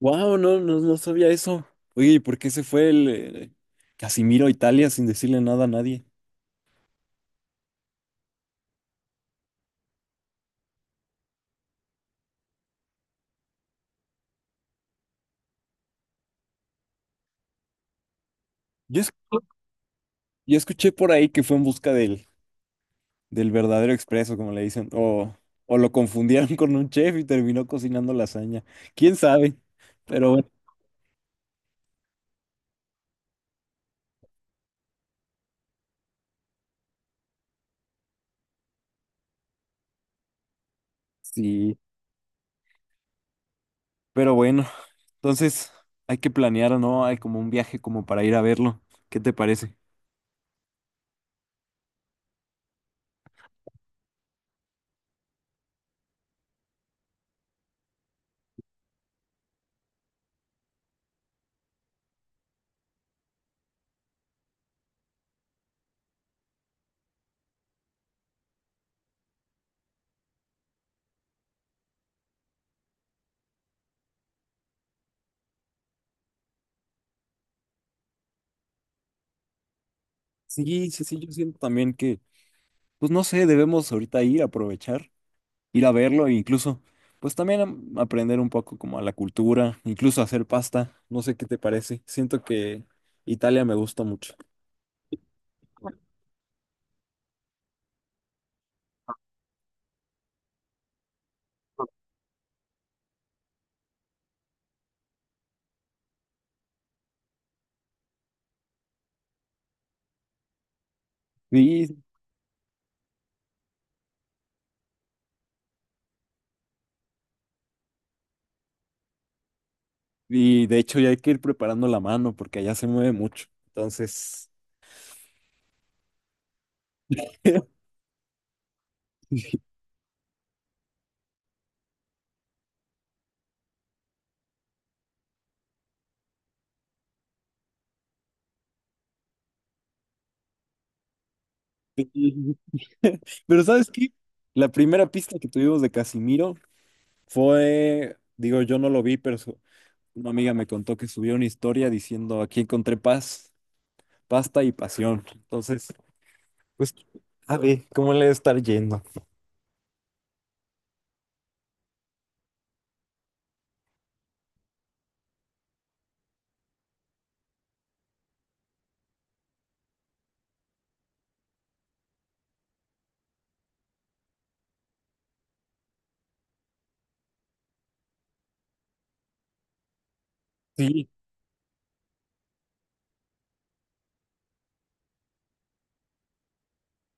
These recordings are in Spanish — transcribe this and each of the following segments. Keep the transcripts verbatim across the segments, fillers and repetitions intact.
Wow, no, no, no sabía eso. Oye, ¿y por qué se fue el eh, Casimiro a Italia sin decirle nada a nadie? Yo, es- yo escuché por ahí que fue en busca del, del verdadero expreso, como le dicen, o, o lo confundieron con un chef y terminó cocinando lasaña. ¿Quién sabe? Pero bueno, sí, pero bueno, entonces hay que planear, ¿no? Hay como un viaje como para ir a verlo. ¿Qué te parece? Sí, sí, sí, yo siento también que, pues no sé, debemos ahorita ir a aprovechar, ir a verlo e incluso, pues también am- aprender un poco como a la cultura, incluso hacer pasta. No sé qué te parece. Siento que Italia me gusta mucho. Y, y de hecho ya hay que ir preparando la mano porque allá se mueve mucho. Entonces, pero ¿sabes qué? La primera pista que tuvimos de Casimiro fue, digo, yo no lo vi, pero su- una amiga me contó que subió una historia diciendo, aquí encontré paz, pasta y pasión. Entonces, pues, a ver, ¿cómo le debe estar yendo? Sí.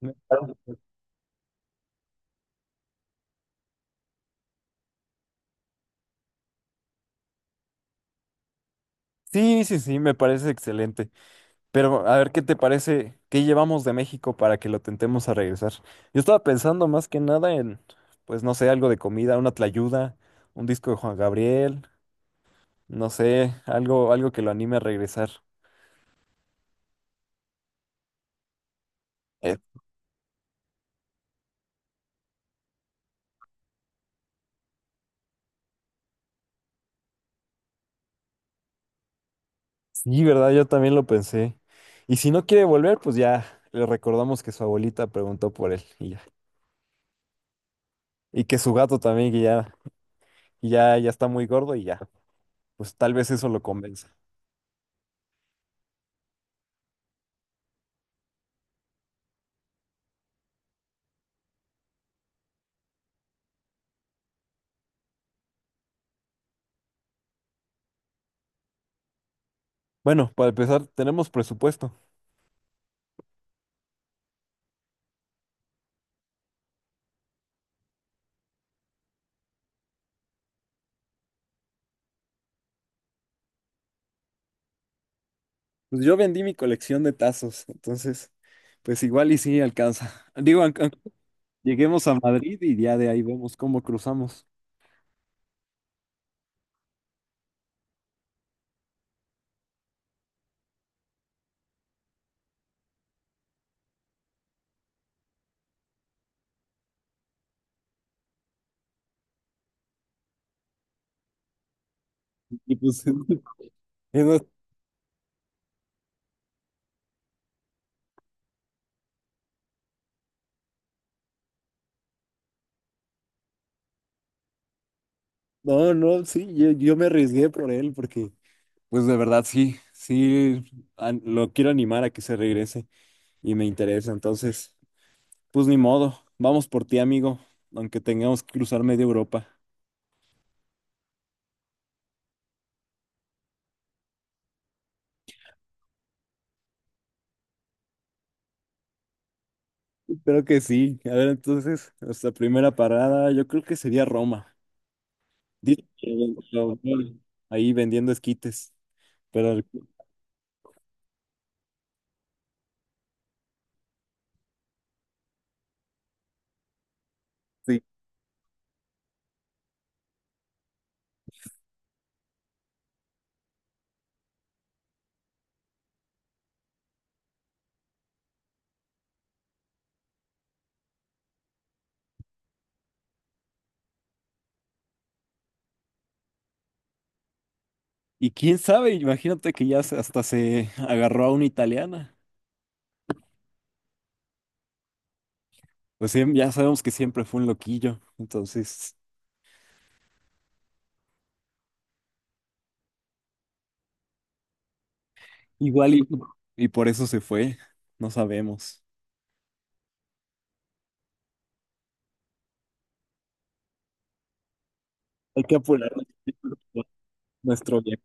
Me parece- Sí, sí, sí, me parece excelente. Pero a ver, ¿qué te parece? ¿Qué llevamos de México para que lo tentemos a regresar? Yo estaba pensando más que nada en, pues no sé, algo de comida, una tlayuda, un disco de Juan Gabriel, no sé, algo, algo que lo anime a regresar. Eh, sí, ¿verdad? Yo también lo pensé. Y si no quiere volver, pues ya le recordamos que su abuelita preguntó por él y ya. Y que su gato también, que ya, ya, ya está muy gordo y ya. Pues tal vez eso lo convenza. Bueno, para empezar, tenemos presupuesto. Pues yo vendí mi colección de tazos, entonces, pues igual y sí alcanza. Digo, aunque- aunque lleguemos a Madrid y ya de ahí vemos cómo cruzamos. Y pues, es más- no, no, sí, yo, yo me arriesgué por él porque, pues de verdad sí, sí, an- lo quiero animar a que se regrese y me interesa. Entonces, pues ni modo, vamos por ti, amigo, aunque tengamos que cruzar media Europa. Creo que sí. A ver, entonces, nuestra primera parada, yo creo que sería Roma. Dice que trabajó ahí vendiendo esquites. Pero sí. Y quién sabe, imagínate que ya se- hasta se agarró a una italiana. Pues sí, ya sabemos que siempre fue un loquillo. Entonces, igual y, y por eso se fue. No sabemos. Hay que apurar nuestro viaje.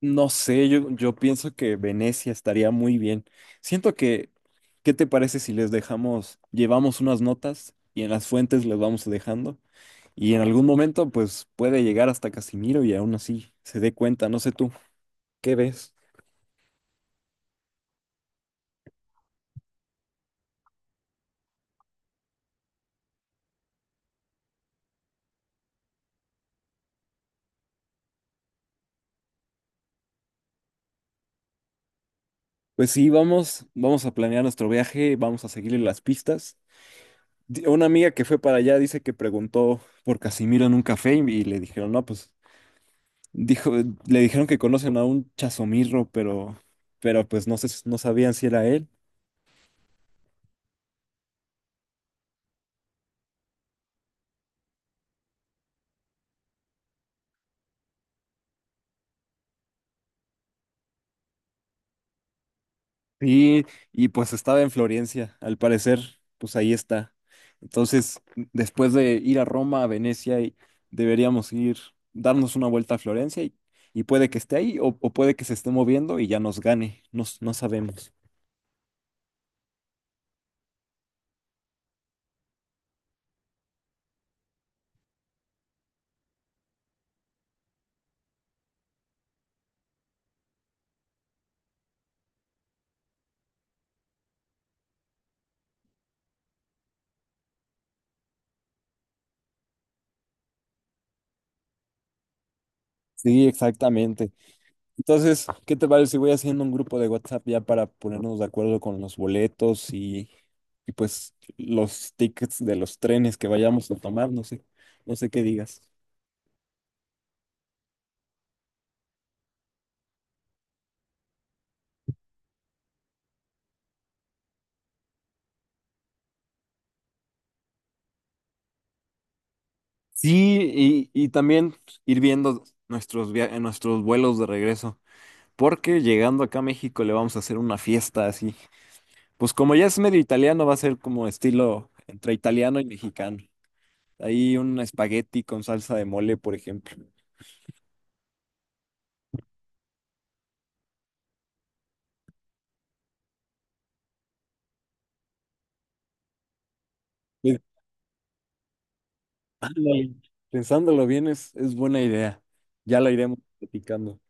No sé, yo, yo pienso que Venecia estaría muy bien. Siento que, ¿qué te parece si les dejamos, llevamos unas notas y en las fuentes les vamos dejando? Y en algún momento, pues puede llegar hasta Casimiro y aún así se dé cuenta, no sé tú, ¿qué ves? Pues sí, vamos, vamos a planear nuestro viaje, vamos a seguirle las pistas. Di- Una amiga que fue para allá dice que preguntó por Casimiro en un café y, y le dijeron, no, pues, dijo, le dijeron que conocen a un Chasomirro, pero, pero pues no sé, no sabían si era él. Sí, y pues estaba en Florencia, al parecer, pues ahí está. Entonces, después de ir a Roma, a Venecia, y deberíamos ir, darnos una vuelta a Florencia y, y puede que esté ahí o, o puede que se esté moviendo y ya nos gane, no, s- no sabemos. Sí, exactamente. Entonces, ¿qué te parece si voy haciendo un grupo de WhatsApp ya para ponernos de acuerdo con los boletos y, y pues los tickets de los trenes que vayamos a tomar? No sé, no sé qué digas. Sí, y, y también ir viendo nuestros via- eh, nuestros vuelos de regreso, porque llegando acá a México le vamos a hacer una fiesta así. Pues como ya es medio italiano, va a ser como estilo entre italiano y mexicano. Ahí un espagueti con salsa de mole, por ejemplo. Sí, ándale. Pensándolo bien, es, es buena idea. Ya la iremos platicando.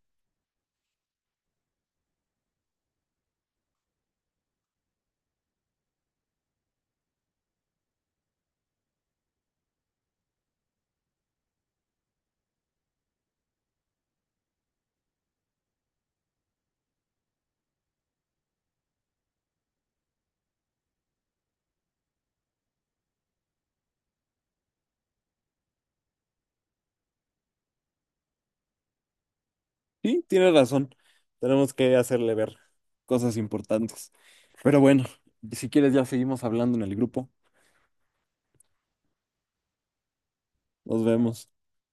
Sí, tiene razón. Tenemos que hacerle ver cosas importantes. Pero bueno, si quieres ya seguimos hablando en el grupo. Nos vemos.